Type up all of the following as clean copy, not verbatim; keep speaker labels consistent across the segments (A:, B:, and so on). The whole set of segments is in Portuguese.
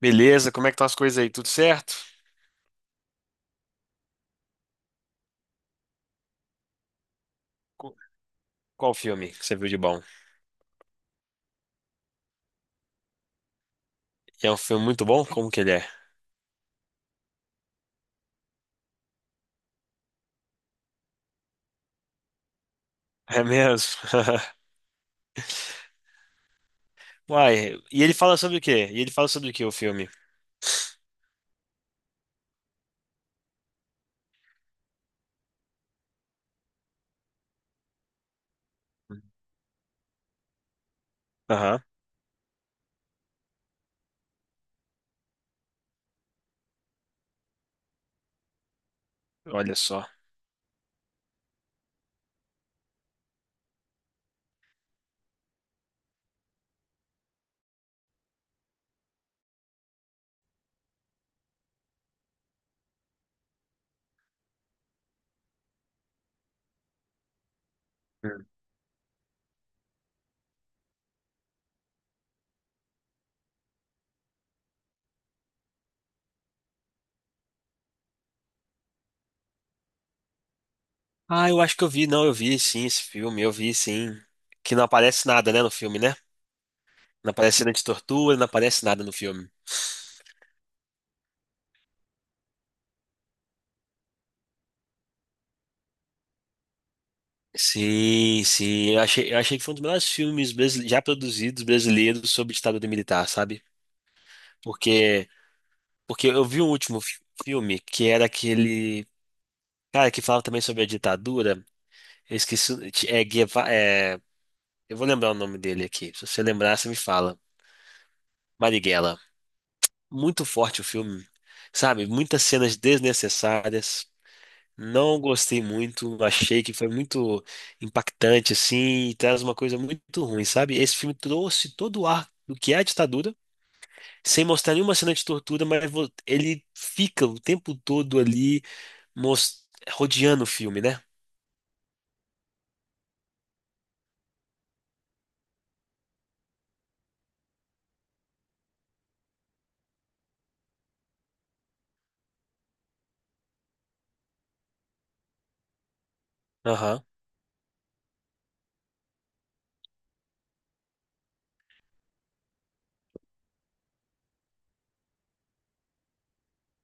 A: Beleza, como é que estão as coisas aí? Tudo certo? Qu- Qual filme que você viu de bom? E é um filme muito bom? Como que ele é? É mesmo? Uai, E ele fala sobre o quê, o filme? Aham, olha só. Hum. Ah, eu acho que eu vi, não, eu vi sim esse filme, eu vi sim. Que não aparece nada, né, no filme, né? Não aparece cena de tortura, não aparece nada no filme. Sim, sim, eu achei que foi um dos melhores filmes brasile- já produzidos brasileiros sobre ditadura militar, sabe? Porque Porque eu vi o último filme, que era aquele. Cara, que falava também sobre a ditadura. Eu esqueci. O- É, Gueva- é, eu vou lembrar o nome dele aqui. Se você lembrar, você me fala. Marighella. Muito forte o filme. Sabe? Muitas cenas desnecessárias. Não gostei muito. Achei que foi muito impactante, assim. E traz uma coisa muito ruim, sabe? Esse filme trouxe todo o ar do que é a ditadura, sem mostrar nenhuma cena de tortura, mas ele fica o tempo todo ali. Mos- rodeando o filme, né? Aham.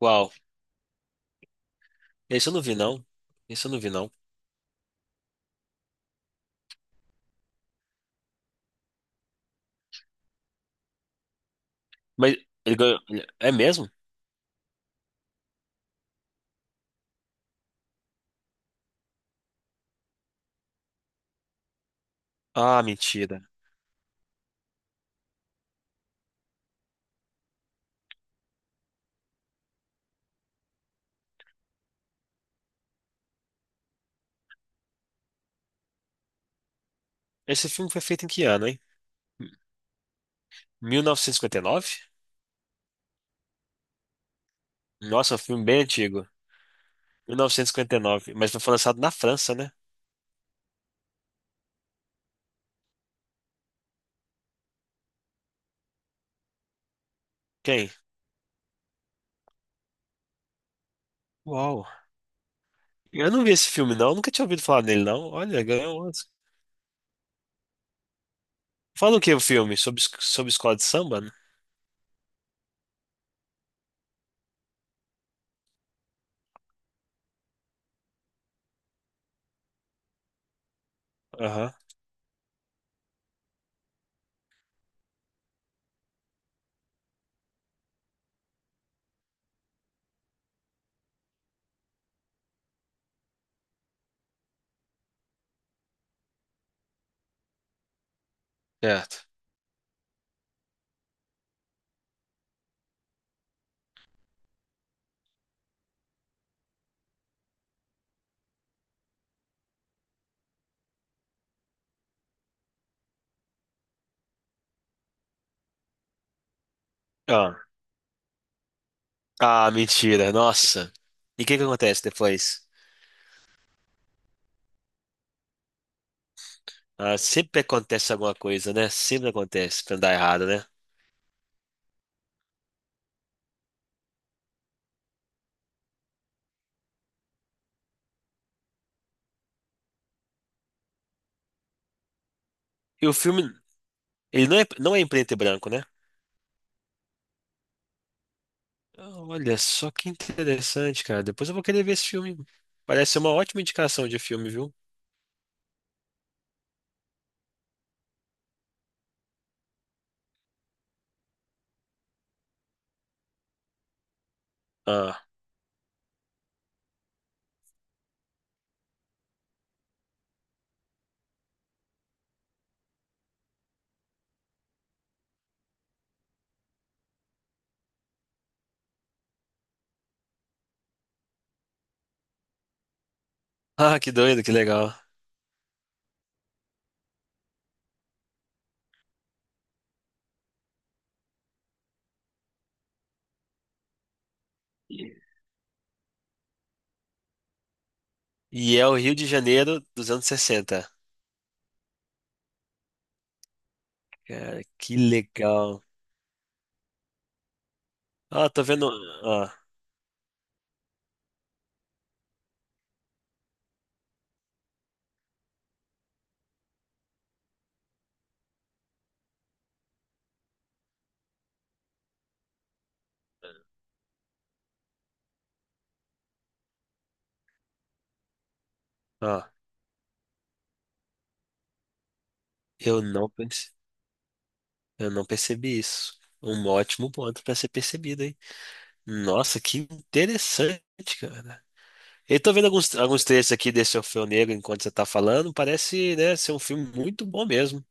A: Uau. Esse eu não vi, não. Esse eu não vi, não. Mas ele ganhou. É mesmo? Ah, mentira. Esse filme foi feito em que ano, hein? 1959? Nossa, é um filme bem antigo. 1959. Mas foi lançado na França, né? Quem? Uau. Eu não vi esse filme, não. Nunca tinha ouvido falar nele, não. Olha, ganhou um Oscar. Fala o que o filme? Sobre, es- sobre escola de samba? Né? Aham. Certo. Ah. Ah, mentira. Nossa. E o que que acontece depois? Ah, sempre acontece alguma coisa, né? Sempre acontece pra dar errado, né? E o filme, ele não é, não é em preto e branco, né? Ah, Olha só que interessante, cara. Depois eu vou querer ver esse filme. Parece ser uma ótima indicação de filme, viu? Ah, ah, que doido, que legal. E é o Rio de Janeiro dos anos 60. Cara, que legal. Ah, tô vendo. Ah, ah, eu não, perce- eu não percebi isso. Um ótimo ponto pra ser percebido, hein? Nossa, que interessante, cara. Eu tô vendo alguns trechos aqui desse Orfeu Negro enquanto você tá falando. Parece, né, ser um filme muito bom mesmo.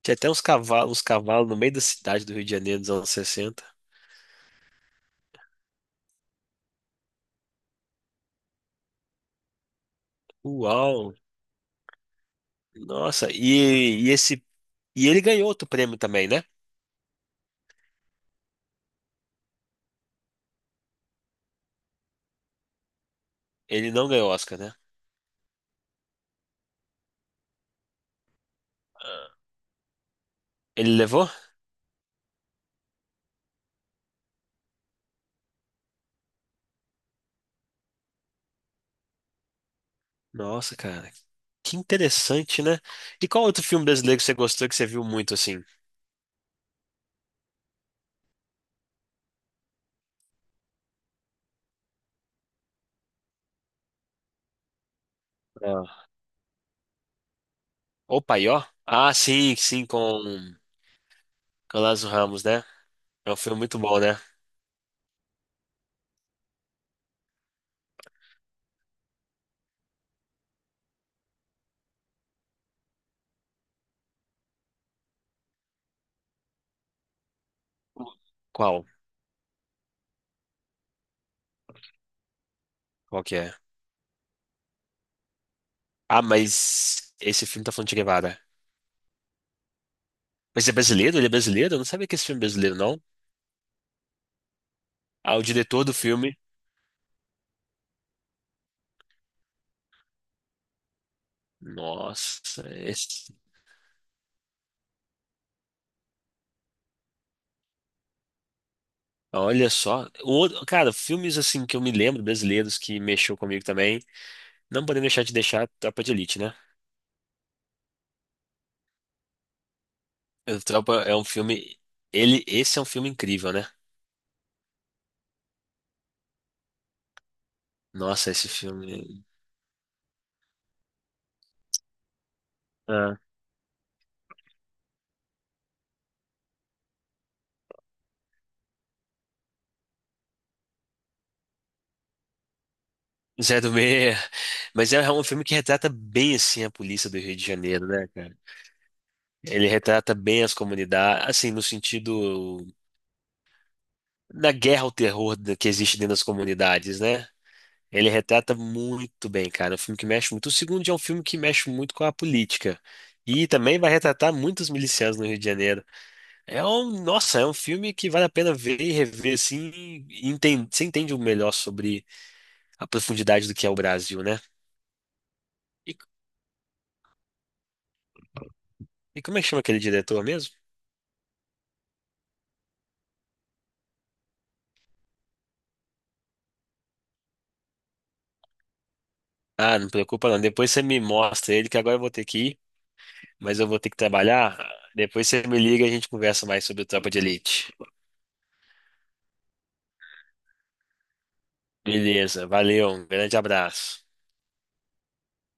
A: Tinha até uns cavalos no meio da cidade do Rio de Janeiro dos anos sessenta. Uau! Nossa, e esse. E ele ganhou outro prêmio também, né? Ele não ganhou Oscar, né? Ah. Ele levou? Nossa, cara, que interessante, né? E qual outro filme brasileiro que você gostou que você viu muito assim? Ah. O Paió? Ah, sim, sim, com o Lázaro Ramos, né? É um filme muito bom, né? Qual? Qual que é? Ah, mas esse filme tá falando de Che Guevara. Mas é brasileiro? Ele é brasileiro? Eu não sabia que esse filme é brasileiro, não. Ah, o diretor do filme. Nossa, esse... Olha só. O outro- Cara, filmes assim que eu me lembro, brasileiros, que mexeu comigo também. Não podemos deixar de deixar Tropa de Elite, né? O Tropa é um filme. Ele... Esse é um filme incrível, né? Nossa, esse filme. Ah. Zé do Meia. Mas é um filme que retrata bem assim a polícia do Rio de Janeiro, né, cara? Ele retrata bem as comunidades, assim, no sentido. Da guerra ao terror da- que existe dentro das comunidades, né? Ele retrata muito bem, cara. É um filme que mexe muito. O segundo é um filme que mexe muito com a política. E também vai retratar muitos milicianos no Rio de Janeiro. Nossa, é um filme que vale a pena ver e rever assim. E você entende o melhor sobre a profundidade do que é o Brasil, né? E, e como é que chama aquele diretor mesmo? Ah, não preocupa não. Depois você me mostra ele, que agora eu vou ter que ir, mas eu vou ter que trabalhar. Depois você me liga e a gente conversa mais sobre o Tropa de Elite. Beleza, valeu, um grande abraço.